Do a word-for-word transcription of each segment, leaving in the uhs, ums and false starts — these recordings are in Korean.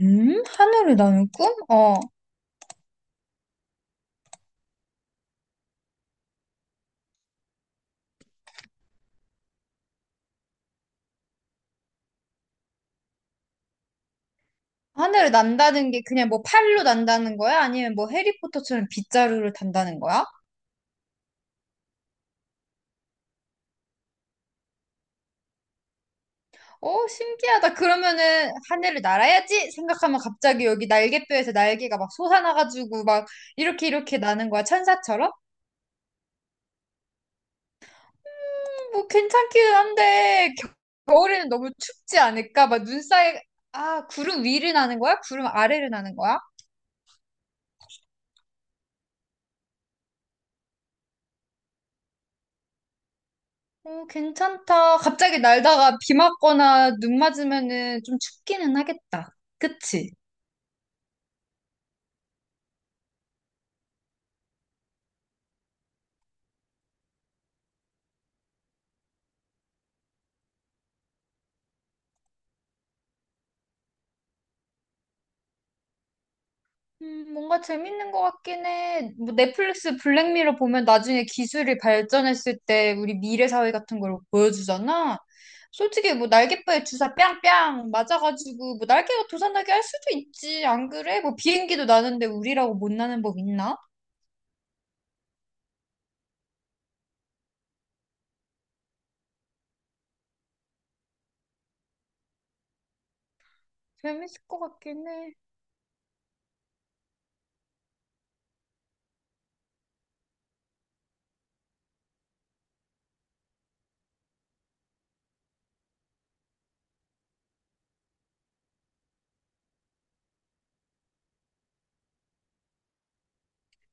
음? 하늘을 나는 꿈? 어. 하늘을 난다는 게 그냥 뭐 팔로 난다는 거야? 아니면 뭐 해리포터처럼 빗자루를 단다는 거야? 어, 신기하다. 그러면은 하늘을 날아야지 생각하면 갑자기 여기 날개뼈에서 날개가 막 솟아나가지고 막 이렇게 이렇게 나는 거야. 천사처럼? 음, 뭐 괜찮기는 한데 겨- 겨울에는 너무 춥지 않을까? 막 눈 사이 아, 구름 위를 나는 거야? 구름 아래를 나는 거야? 어, 괜찮다. 갑자기 날다가 비 맞거나 눈 맞으면은 좀 춥기는 하겠다. 그치? 음, 뭔가 재밌는 것 같긴 해. 뭐 넷플릭스 블랙미러 보면 나중에 기술이 발전했을 때 우리 미래 사회 같은 걸 보여주잖아. 솔직히 뭐 날개뼈에 주사 뺨뺨 맞아가지고 뭐 날개가 도산나게 할 수도 있지. 안 그래? 뭐 비행기도 나는데 우리라고 못 나는 법 있나? 재밌을 것 같긴 해.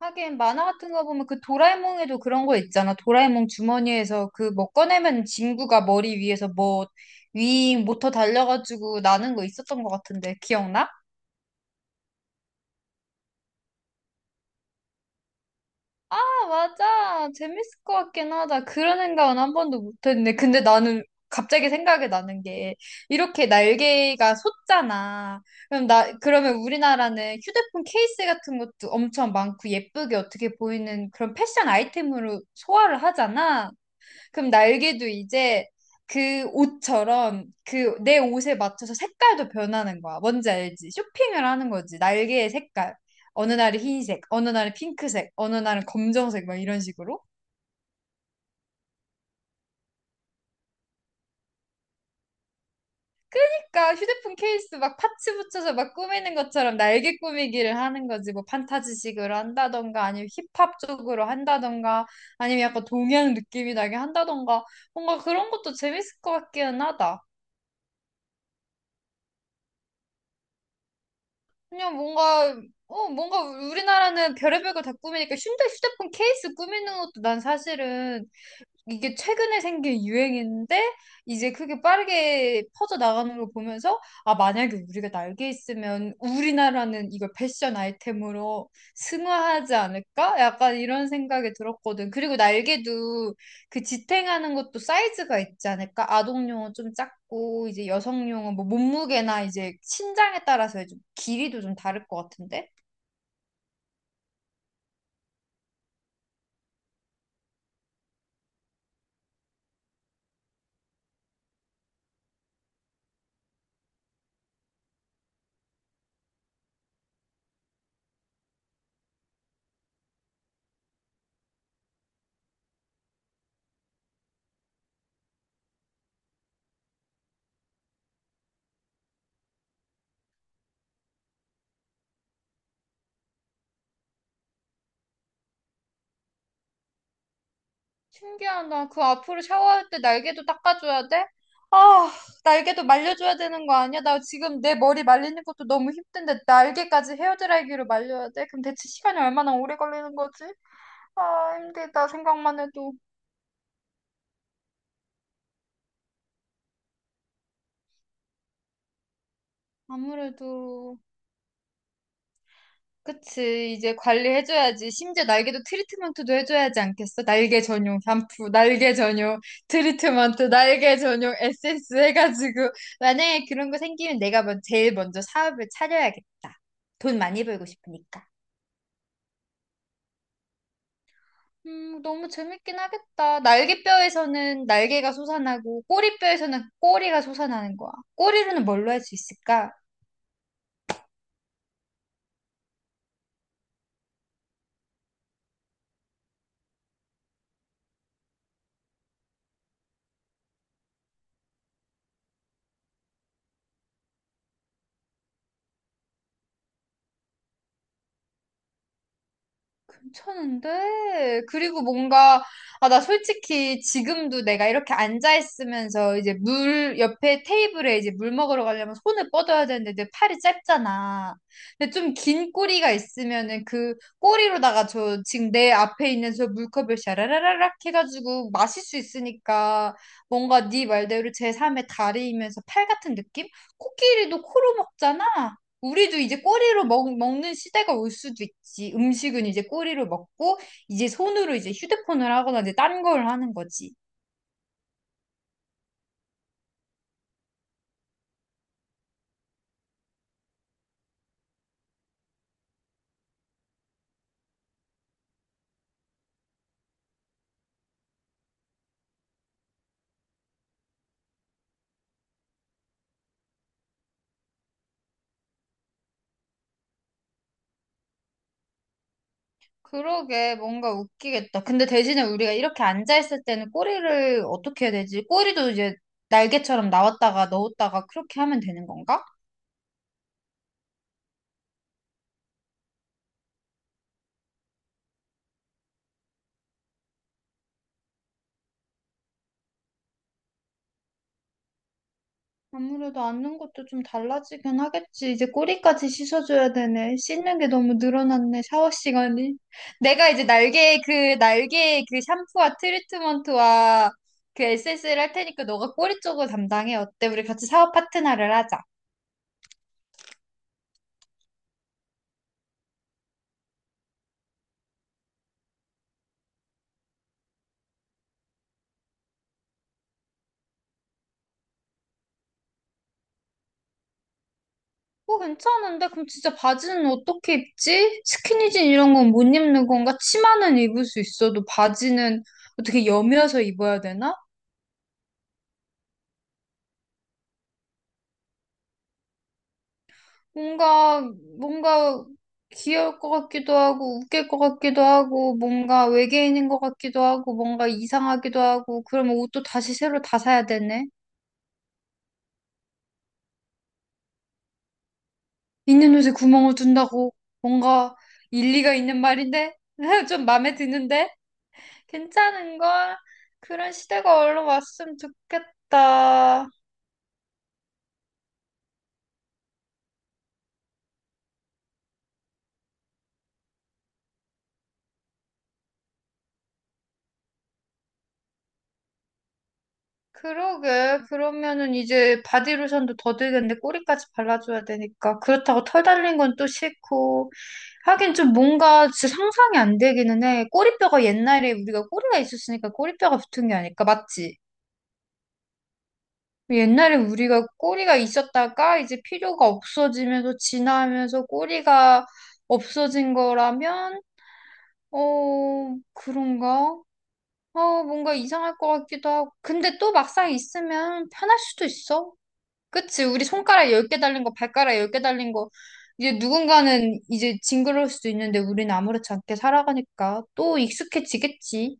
하긴 만화 같은 거 보면 그 도라에몽에도 그런 거 있잖아. 도라에몽 주머니에서 그 뭐 꺼내면 진구가 머리 위에서 뭐 윙 모터 달려가지고 나는 거 있었던 것 같은데 기억나? 아 맞아. 재밌을 것 같긴 하다. 그런 생각은 한 번도 못했네 근데 나는 갑자기 생각이 나는 게 이렇게 날개가 솟잖아. 그럼 나 그러면 우리나라는 휴대폰 케이스 같은 것도 엄청 많고 예쁘게 어떻게 보이는 그런 패션 아이템으로 소화를 하잖아. 그럼 날개도 이제 그 옷처럼 그 내 옷에 맞춰서 색깔도 변하는 거야. 뭔지 알지? 쇼핑을 하는 거지. 날개의 색깔. 어느 날은 흰색, 어느 날은 핑크색, 어느 날은 검정색 막 이런 식으로. 그러니까 휴대폰 케이스 막 파츠 붙여서 막 꾸미는 것처럼 날개 꾸미기를 하는 거지. 뭐 판타지식으로 한다던가 아니면 힙합 쪽으로 한다던가 아니면 약간 동양 느낌이 나게 한다던가 뭔가 그런 것도 재밌을 것 같기는 하다. 그냥 뭔가, 어, 뭔가 우리나라는 별의별 걸 다 꾸미니까 휴대, 휴대폰 케이스 꾸미는 것도 난 사실은 이게 최근에 생긴 유행인데 이제 크게 빠르게 퍼져 나가는 걸 보면서 아 만약에 우리가 날개 있으면 우리나라는 이걸 패션 아이템으로 승화하지 않을까? 약간 이런 생각이 들었거든. 그리고 날개도 그 지탱하는 것도 사이즈가 있지 않을까? 아동용은 좀 작고 이제 여성용은 뭐 몸무게나 이제 신장에 따라서 좀 길이도 좀 다를 것 같은데? 신기하다. 그 앞으로 샤워할 때 날개도 닦아줘야 돼? 아, 날개도 말려줘야 되는 거 아니야? 나 지금 내 머리 말리는 것도 너무 힘든데 날개까지 헤어드라이기로 말려야 돼? 그럼 대체 시간이 얼마나 오래 걸리는 거지? 아, 힘들다. 생각만 해도. 아무래도. 그치. 이제 관리해줘야지. 심지어 날개도 트리트먼트도 해줘야지 않겠어? 날개 전용 샴푸, 날개 전용 트리트먼트, 날개 전용 에센스 해가지고. 만약에 그런 거 생기면 내가 먼 제일 먼저 사업을 차려야겠다. 돈 많이 벌고 싶으니까. 음, 너무 재밌긴 하겠다. 날개뼈에서는 날개가 솟아나고, 꼬리뼈에서는 꼬리가 솟아나는 거야. 꼬리로는 뭘로 할 수 있을까? 괜찮은데? 그리고 뭔가, 아, 나 솔직히 지금도 내가 이렇게 앉아있으면서 이제 물, 옆에 테이블에 이제 물 먹으러 가려면 손을 뻗어야 되는데 내 팔이 짧잖아. 근데 좀 긴 꼬리가 있으면은 그 꼬리로다가 저 지금 내 앞에 있는 저 물컵을 샤라라라락 해가지고 마실 수 있으니까 뭔가 네 말대로 제삼의 다리이면서 팔 같은 느낌? 코끼리도 코로 먹잖아. 우리도 이제 꼬리로 먹, 먹는 시대가 올 수도 있지. 음식은 이제 꼬리로 먹고, 이제 손으로 이제 휴대폰을 하거나 이제 딴 걸 하는 거지. 그러게, 뭔가 웃기겠다. 근데 대신에 우리가 이렇게 앉아있을 때는 꼬리를 어떻게 해야 되지? 꼬리도 이제 날개처럼 나왔다가 넣었다가 그렇게 하면 되는 건가? 아무래도 앉는 것도 좀 달라지긴 하겠지. 이제 꼬리까지 씻어줘야 되네. 씻는 게 너무 늘어났네, 샤워 시간이. 내가 이제 날개, 그, 날개, 그 샴푸와 트리트먼트와 그 에센스를 할 테니까 너가 꼬리 쪽을 담당해. 어때? 우리 같이 샤워 파트너를 하자. 어, 괜찮은데? 그럼 진짜 바지는 어떻게 입지? 스키니진 이런 건 못 입는 건가? 치마는 입을 수 있어도 바지는 어떻게 여며서 입어야 되나? 뭔가, 뭔가 귀여울 것 같기도 하고, 웃길 것 같기도 하고, 뭔가 외계인인 것 같기도 하고, 뭔가 이상하기도 하고, 그러면 옷도 다시 새로 다 사야 되네. 있는 옷에 구멍을 둔다고, 뭔가 일리가 있는 말인데? 좀 마음에 드는데? 괜찮은걸? 그런 시대가 얼른 왔으면 좋겠다. 그러게. 그러면은 이제 바디로션도 더 들겠는데 꼬리까지 발라줘야 되니까. 그렇다고 털 달린 건 또 싫고. 하긴 좀 뭔가 진짜 상상이 안 되기는 해. 꼬리뼈가 옛날에 우리가 꼬리가 있었으니까 꼬리뼈가 붙은 게 아닐까? 맞지? 옛날에 우리가 꼬리가 있었다가 이제 필요가 없어지면서 진나하면서 꼬리가 없어진 거라면, 어, 그런가? 어, 뭔가 이상할 것 같기도 하고. 근데 또 막상 있으면 편할 수도 있어. 그치, 우리 손가락 열 개 달린 거, 발가락 열 개 달린 거, 이제 누군가는 이제 징그러울 수도 있는데 우리는 아무렇지 않게 살아가니까 또 익숙해지겠지.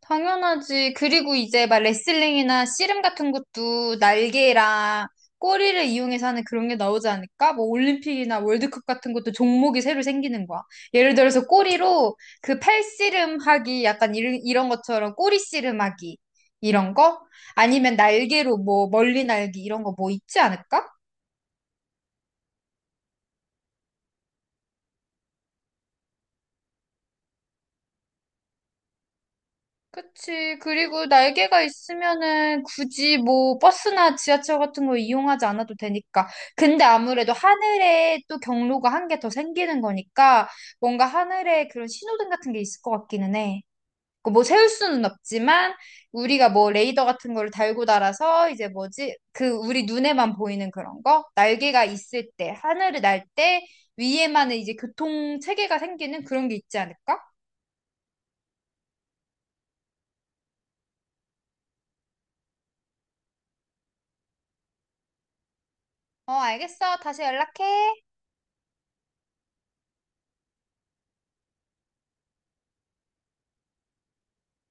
당연하지. 그리고 이제 막 레슬링이나 씨름 같은 것도 날개랑 꼬리를 이용해서 하는 그런 게 나오지 않을까? 뭐 올림픽이나 월드컵 같은 것도 종목이 새로 생기는 거야. 예를 들어서 꼬리로 그 팔씨름하기 약간 이런, 이런 것처럼 꼬리 씨름하기 이런 거? 아니면 날개로 뭐 멀리 날기 이런 거 뭐 있지 않을까? 그치. 그리고 날개가 있으면은 굳이 뭐 버스나 지하철 같은 거 이용하지 않아도 되니까. 근데 아무래도 하늘에 또 경로가 한 개 더 생기는 거니까 뭔가 하늘에 그런 신호등 같은 게 있을 것 같기는 해. 그뭐 세울 수는 없지만 우리가 뭐 레이더 같은 거를 달고 달아서 이제 뭐지? 그 우리 눈에만 보이는 그런 거? 날개가 있을 때, 하늘을 날 때 위에만은 이제 교통 체계가 생기는 그런 게 있지 않을까? 어, 알겠어. 다시 연락해.